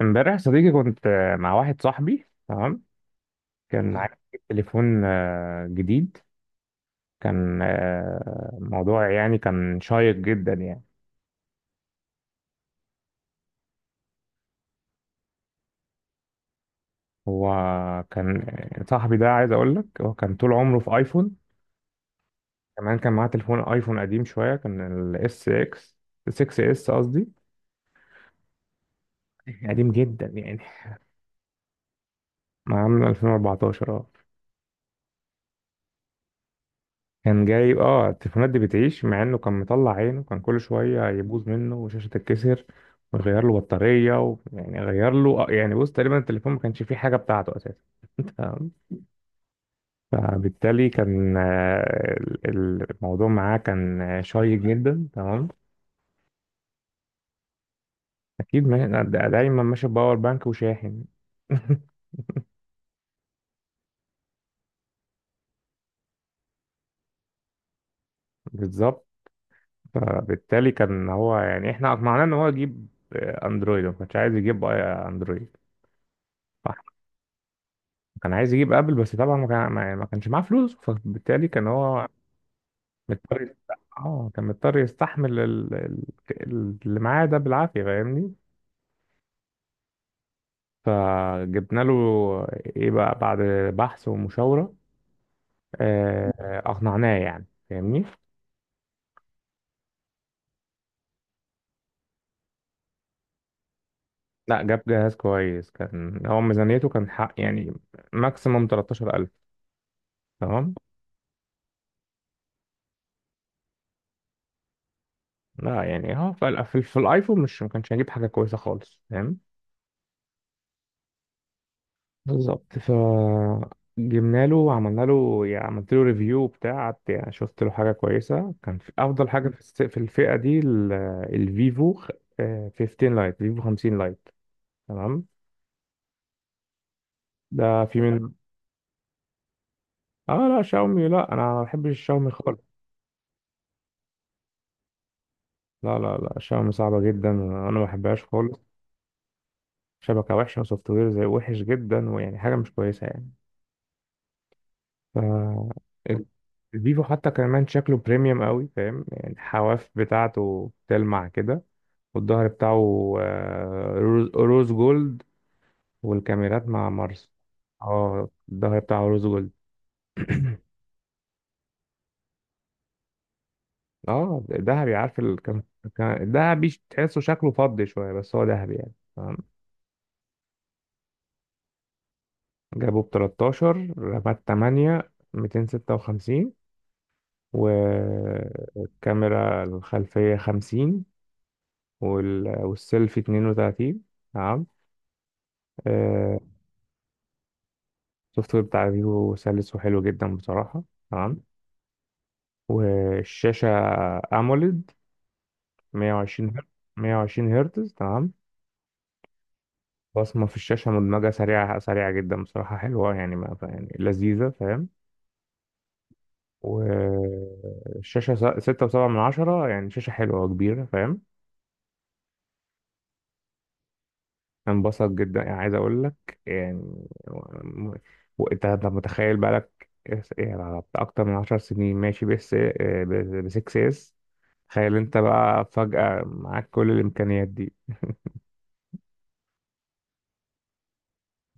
امبارح يا صديقي كنت مع واحد صاحبي. تمام. كان عايز يجيب تليفون جديد. كان موضوع يعني كان شيق جدا يعني. هو كان آه، صاحبي ده، عايز اقول لك، هو كان طول عمره في ايفون. كمان كان معاه تليفون ايفون قديم شويه. كان الاس اكس، 6 اس قصدي، قديم جدا يعني، معاه من 2014. كان جايب اه التليفونات دي بتعيش، مع انه كان مطلع عينه، كان كل شويه يبوظ منه وشاشه تتكسر ويغير له بطاريه يعني غير له يعني بص تقريبا التليفون ما كانش فيه حاجه بتاعته اساسا. تمام. فبالتالي كان الموضوع معاه كان شيق جدا. تمام. اكيد ما... دا- دايما ماشي باور بانك وشاحن. بالظبط. فبالتالي كان هو يعني احنا اقنعناه ان هو يجيب اندرويد. ما كانش عايز يجيب اندرويد. كان عايز يجيب ابل، بس طبعا ما كانش معاه فلوس، فبالتالي كان هو مضطر يست- اه كان مضطر يستحمل اللي معاه ده بالعافية، فاهمني. فجبنا له، ايه بقى، بعد بحث ومشاورة، آه، اقنعناه يعني، فاهمني. لا، جاب جهاز كويس. كان هو ميزانيته كان حق يعني ماكسيموم 13,000. تمام. لا يعني هو في الايفون مش ما كانش هيجيب حاجة كويسة خالص، فاهم. بالظبط. ف جبنا له وعملنا له، يعني عملت له ريفيو بتاع، قعدت يعني شفت له حاجه كويسه، كان في افضل حاجه في الفئه دي، ال- الفيفو خ- آه، 15 لايت فيفو 50 لايت. تمام. ده في من. اه لا شاومي، لا، انا ما بحبش الشاومي خالص. لا شاومي صعبه جدا، انا ما بحبهاش خالص. شبكه وحشه، وسوفت وير زي وحش جدا، ويعني حاجه مش كويسه يعني. ف ال- الفيفو حتى كمان شكله بريميوم قوي، فاهم يعني، الحواف بتاعته بتلمع كده. والظهر بتاعه روز جولد. والكاميرات مع مارس. اه الظهر بتاعه روز جولد. اه ذهبي. عارف ال... كان كان- الذهبي تحسه شكله فضي شويه، بس هو ذهبي يعني. تمام. جابوا ب 13، رامات 8، 256. والكاميرا الخلفيه 50، والسيلفي 32. تمام. آه، السوفت وير بتاع فيفو سلس وحلو جدا بصراحة. تمام. والشاشة أموليد، 120 هرتز. 120 هرتز. تمام. بصمة في الشاشة مدمجة، سريعة جدا بصراحة، حلوة يعني، ما يعني لذيذة، فاهم. والشاشة ستة وسبعة من عشرة، يعني شاشة حلوة وكبيرة، فاهم. انبسط جدا يعني، عايز اقول لك يعني. و- وانت هتبقى متخيل، بقالك يعني على بتاع اكتر من عشر سنين ماشي، بس ب 6 اس. تخيل انت بقى فجأة معاك كل الامكانيات دي.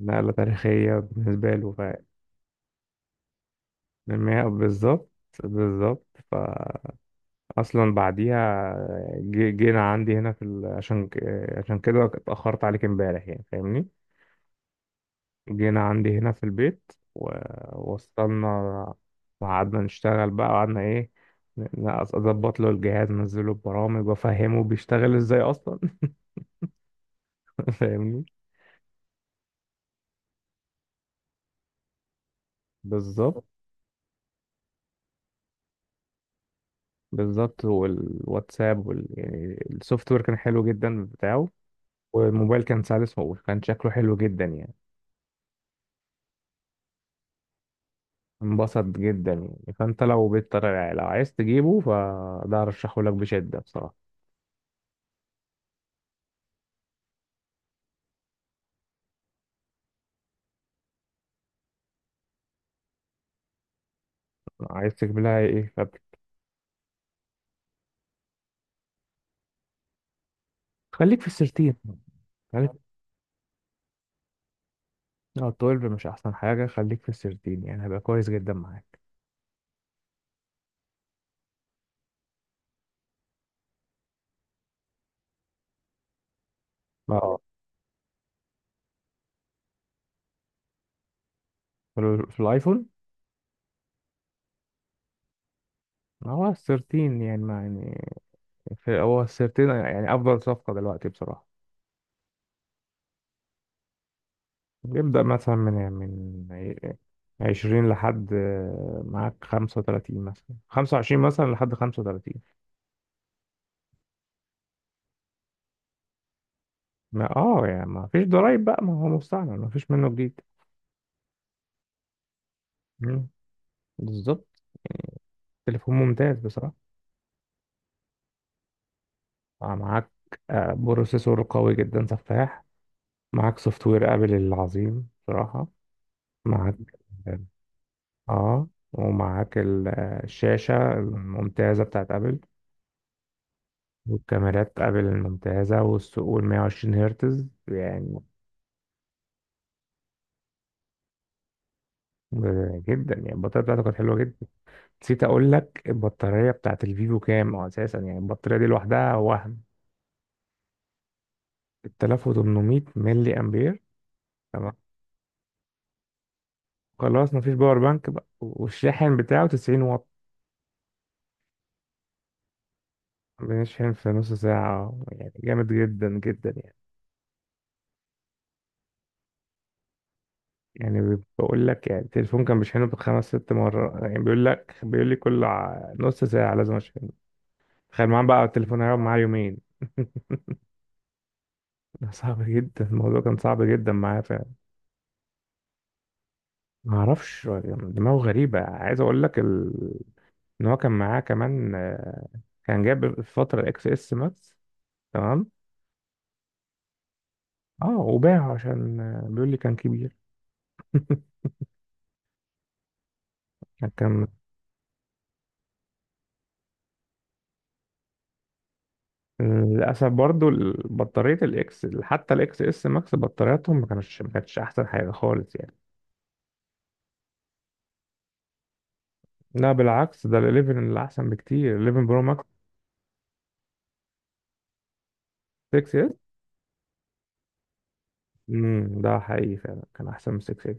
نقلة تاريخية بالنسبة له. ف بالظبط. بالظبط. فأصلا بعديها جينا عندي هنا عشان عشان كده اتأخرت عليك امبارح يعني، فاهمني. جينا عندي هنا في البيت، ووصلنا وقعدنا نشتغل بقى، وقعدنا ايه، اظبط له الجهاز، انزله البرامج، وافهمه بيشتغل ازاي اصلا. فاهمني. بالظبط. بالظبط. يعني السوفت وير كان حلو جدا بتاعه. والموبايل كان سلس وكان شكله حلو جدا يعني. انبسط جدا يعني. فانت لو بتطلع، لو عايز تجيبه، فده ارشحه لك بشدة بصراحة. عايز تجيب لها ايه؟ خليك في السيرتين. خليك، اه 12 مش احسن حاجة، خليك في ال 13، يعني هيبقى كويس جدا معاك. اه في الايفون هو ال 13، يعني ما يعني، هو ال 13 يعني افضل صفقة دلوقتي بصراحة. بيبدأ مثلا من عشرين لحد معاك خمسة وتلاتين، مثلا خمسة وعشرين مثلا لحد خمسة وتلاتين. ما اه يعني ما فيش ضرايب بقى، ما هو مستعمل، ما فيش منه جديد. مم. بالظبط. تليفون ممتاز بصراحة. معاك بروسيسور قوي جدا، سفاح. معاك سوفت وير ابل العظيم بصراحة. معاك، اه، ومعاك الشاشة الممتازة بتاعت ابل. والكاميرات ابل الممتازة، والثقوب، 120 هرتز يعني. جدا، يعني البطارية بتاعته كانت حلوة جدا. نسيت اقول لك البطارية بتاعت الفيفو كام، اساسا يعني البطارية دي لوحدها وهم، 3800 ملي امبير. تمام. خلاص مفيش باور بانك بقى، والشاحن بتاعه 90 واط. بنشحن في نص ساعة، يعني جامد جدا جدا يعني. يعني بقول لك يعني، التليفون كان بيشحنه بخمس ست مرات يعني، بيقول لك، بيقول لي كل نص ساعة لازم اشحنه. تخيل معاه بقى التليفون هيقعد معاه يومين. ده صعب جدا، الموضوع كان صعب جدا معاه فعلا. ما اعرفش هو دماغه غريبة. عايز اقول لك ان هو كان معاه كمان، كان جاب في فترة الاكس اس ماكس. تمام. اه وباعه عشان، بيقول لي كان كبير. كان. للاسف برضو بطارية الاكس، حتى الاكس اس ماكس، بطارياتهم ما كانتش احسن حاجة خالص يعني. لا بالعكس، ده ال 11 اللي احسن بكتير، 11 برو ماكس. 6 اس. ده حقيقي، فعلا كان احسن من 6 اس.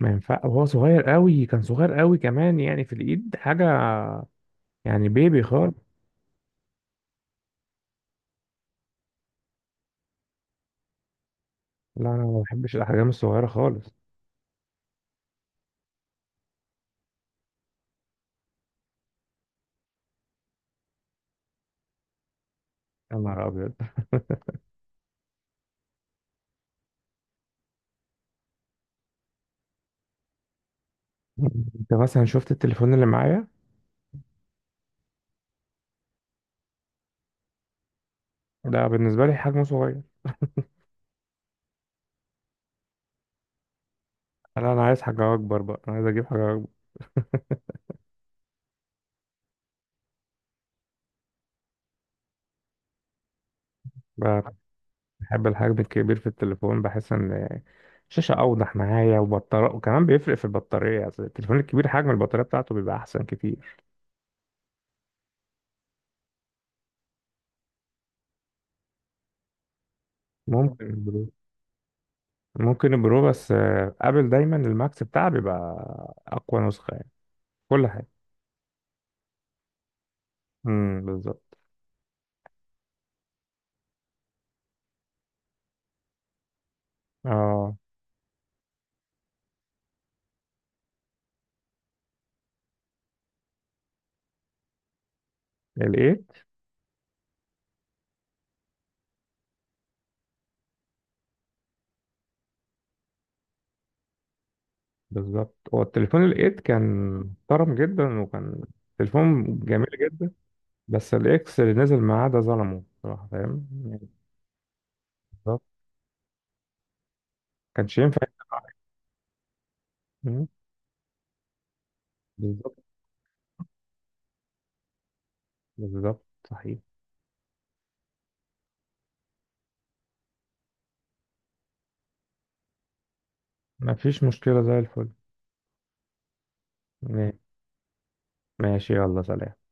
ما ينفع، وهو صغير قوي، كان صغير قوي كمان، يعني في الايد حاجه، يعني بيبي خالص. لا انا ما بحبش الاحجام الصغيره خالص. يا نهار ابيض. انت مثلا شفت التليفون اللي معايا؟ ده بالنسبه لي حجمه صغير. انا عايز حاجه اكبر بقى، انا عايز اجيب حاجه اكبر. بحب الحجم الكبير في التليفون، بحس ان الشاشة أوضح معايا، وبطارية، وكمان بيفرق في البطارية، أصل التليفون الكبير حجم البطارية بتاعته بيبقى أحسن كتير. ممكن البرو. ممكن البرو، بس أبل دايما الماكس بتاعها بيبقى أقوى نسخة يعني، كل حاجة. بالظبط. اه الإيت. بالظبط، هو التليفون الإيت كان محترم جدا، وكان تليفون جميل جدا. بس الإكس اللي نزل معاه ده ظلمه بصراحة، فاهم يعني. بالظبط. كانش ينفع. مم، بالظبط. بالظبط صحيح. مفيش مشكلة زي الفل. ماشي، يلا سلام.